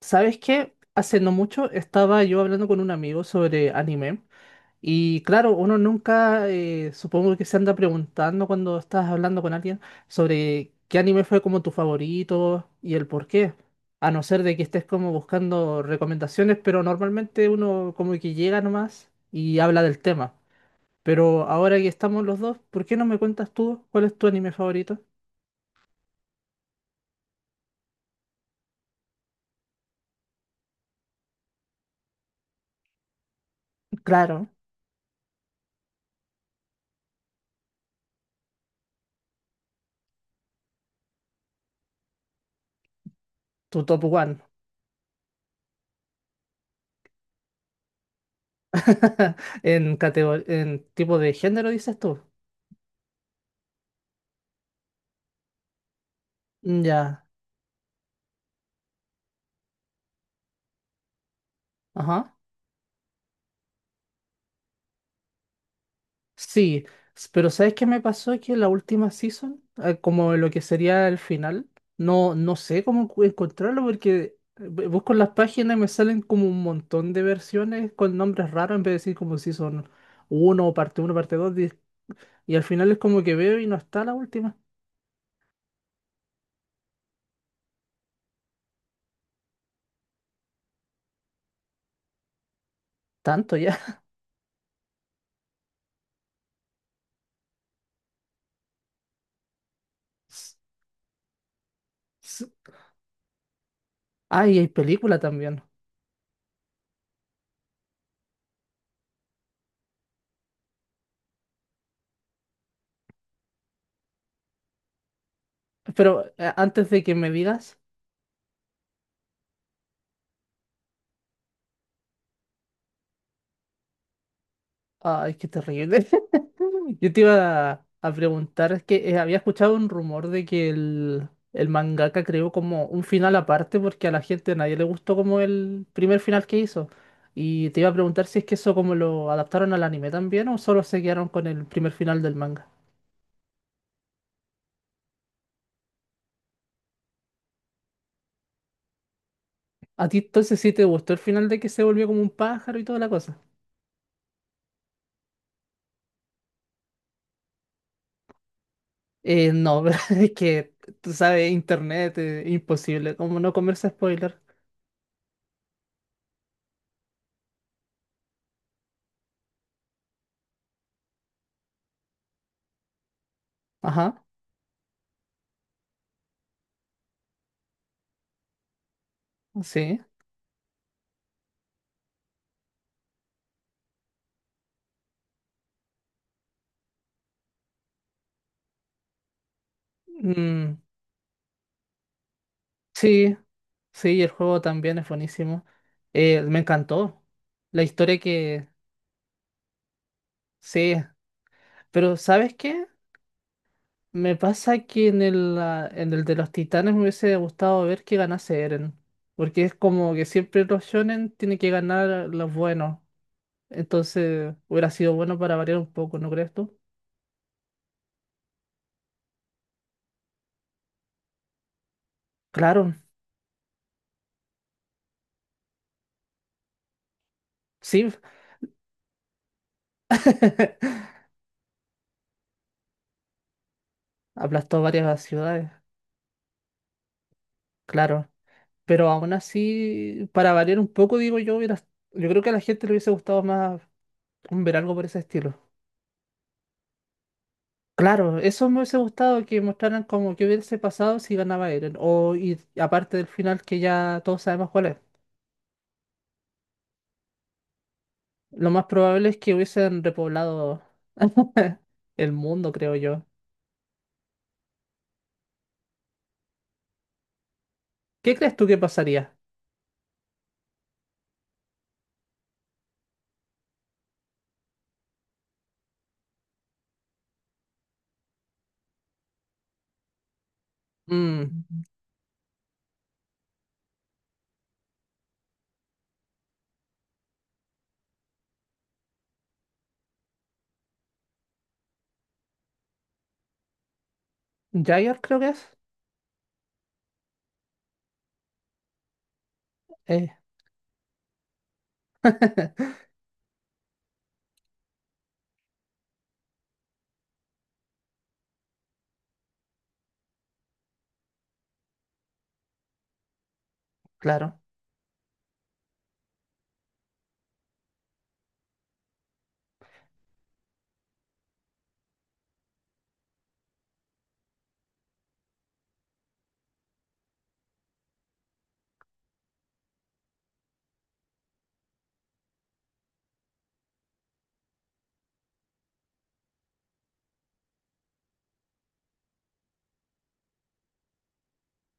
¿Sabes qué? Hace no mucho estaba yo hablando con un amigo sobre anime y claro, uno nunca supongo que se anda preguntando cuando estás hablando con alguien sobre qué anime fue como tu favorito y el por qué, a no ser de que estés como buscando recomendaciones, pero normalmente uno como que llega nomás y habla del tema. Pero ahora que estamos los dos, ¿por qué no me cuentas tú cuál es tu anime favorito? Claro, tu top one. En tipo de género dices tú. Mm, ya, ajá. Sí, pero ¿sabes qué me pasó? Que la última season, como lo que sería el final, no, no sé cómo encontrarlo porque busco en las páginas y me salen como un montón de versiones con nombres raros en vez de decir como season uno, o parte uno, parte dos, y al final es como que veo y no está la última. Tanto ya. S- s- Ah, y hay película también. Pero antes de que me digas, ay, qué terrible. Yo te iba a preguntar, es que había escuchado un rumor de que el mangaka creó como un final aparte porque a la gente a nadie le gustó como el primer final que hizo. Y te iba a preguntar si es que eso como lo adaptaron al anime también o solo se quedaron con el primer final del manga. ¿A ti entonces sí te gustó el final de que se volvió como un pájaro y toda la cosa? No, pero es que tú sabes, internet, imposible, como no comerse spoiler. Ajá, sí. Mm, sí. Sí, el juego también es buenísimo. Me encantó la historia que sí, pero ¿sabes qué? Me pasa que en el de los titanes me hubiese gustado ver que ganase Eren, porque es como que siempre los shonen tienen que ganar los buenos, entonces hubiera sido bueno para variar un poco, ¿no crees tú? Claro, sí, aplastó varias ciudades, claro, pero aún así, para variar un poco, digo yo, yo creo que a la gente le hubiese gustado más un ver algo por ese estilo. Claro, eso me hubiese gustado que mostraran como que hubiese pasado si ganaba Eren. O y aparte del final que ya todos sabemos cuál es. Lo más probable es que hubiesen repoblado el mundo, creo yo. ¿Qué crees tú que pasaría? Mm, Jaeger creo que es. Eh, claro,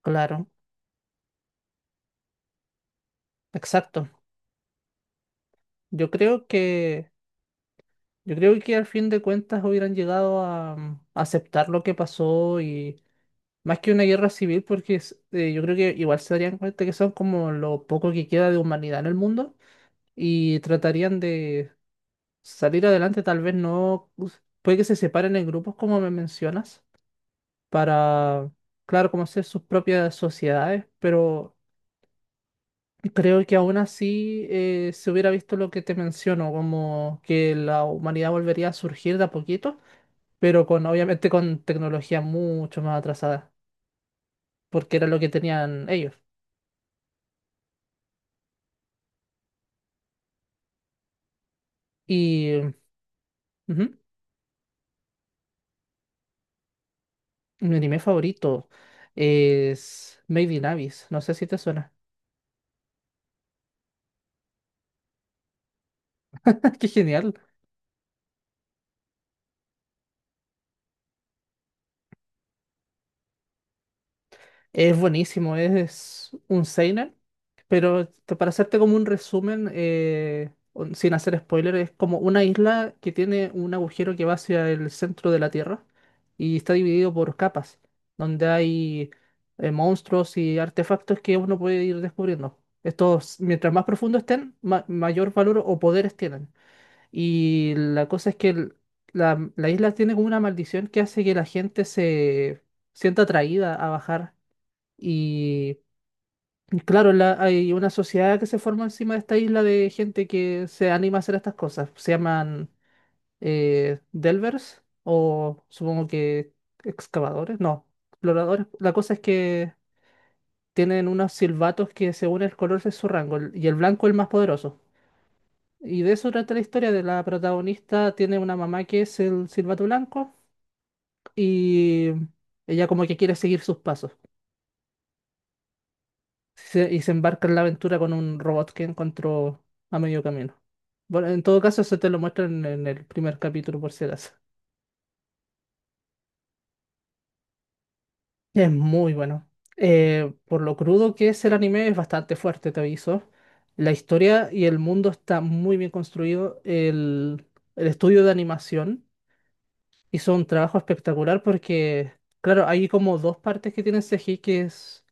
claro, exacto. Yo creo que, yo creo que al fin de cuentas hubieran llegado a aceptar lo que pasó y más que una guerra civil, porque yo creo que igual se darían cuenta que son como lo poco que queda de humanidad en el mundo y tratarían de salir adelante, tal vez no, puede que se separen en grupos como me mencionas, para, claro, como hacer sus propias sociedades, pero creo que aún así se hubiera visto lo que te menciono, como que la humanidad volvería a surgir de a poquito, pero obviamente con tecnología mucho más atrasada, porque era lo que tenían ellos. Y Ujú. Mi anime favorito es Made in Abyss. No sé si te suena. Qué genial. Es buenísimo. Es un seinen. Pero para hacerte como un resumen, sin hacer spoiler, es como una isla que tiene un agujero que va hacia el centro de la Tierra y está dividido por capas, donde hay monstruos y artefactos que uno puede ir descubriendo. Estos, mientras más profundo estén, mayor valor o poderes tienen. Y la cosa es que la isla tiene como una maldición que hace que la gente se sienta atraída a bajar. Y y claro, hay una sociedad que se forma encima de esta isla de gente que se anima a hacer estas cosas. Se llaman Delvers o supongo que excavadores, no, exploradores. La cosa es que tienen unos silbatos que según el color es su rango y el blanco es el más poderoso. Y de eso trata la historia de la protagonista. Tiene una mamá que es el Silbato Blanco y ella como que quiere seguir sus pasos. Y se embarca en la aventura con un robot que encontró a medio camino. Bueno, en todo caso, eso te lo muestran en el primer capítulo, por si acaso. Es muy bueno. Por lo crudo que es el anime, es bastante fuerte, te aviso. La historia y el mundo está muy bien construido. El estudio de animación hizo un trabajo espectacular porque, claro, hay como dos partes que tienen CGI, que es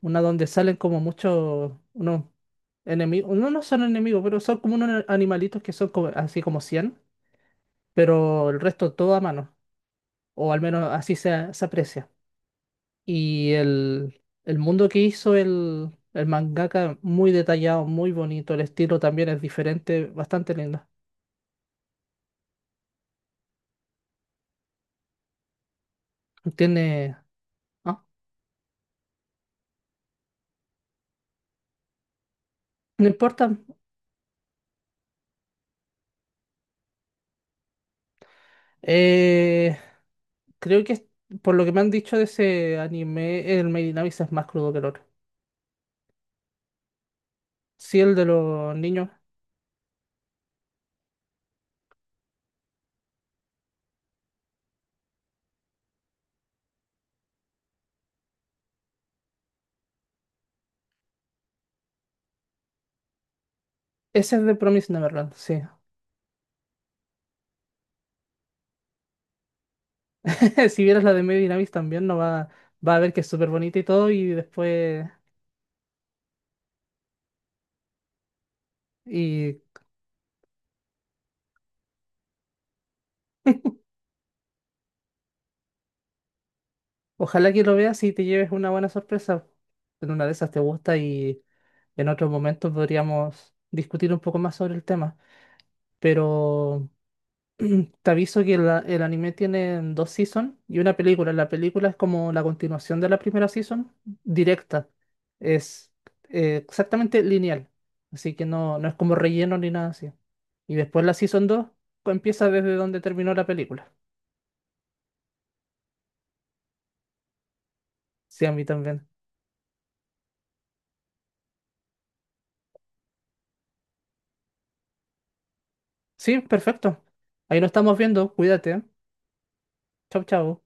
una donde salen como muchos, unos enemigos, no, no son enemigos, pero son como unos animalitos que son así como 100, pero el resto todo a mano, o al menos así se aprecia. Y el mundo que hizo el mangaka, muy detallado, muy bonito, el estilo también es diferente, bastante lindo. Tiene. ah, No importa. Eh, creo que por lo que me han dicho de ese anime, el maid in Abyss es más crudo que el otro. Sí, el de los niños. Ese es de Promise Neverland, sí. Si vieras la de maid in Abyss también, no va a ver que es súper bonita y todo, y después. Y ojalá que lo veas y te lleves una buena sorpresa. En una de esas te gusta y en otro momento podríamos discutir un poco más sobre el tema. Pero. Te aviso que el anime tiene dos seasons y una película. La película es como la continuación de la primera season, directa. Es exactamente lineal. Así que no, no es como relleno ni nada así. Y después la season 2 empieza desde donde terminó la película. Sí, a mí también. Sí, perfecto. Ahí nos estamos viendo. Cuídate. Chau, chau.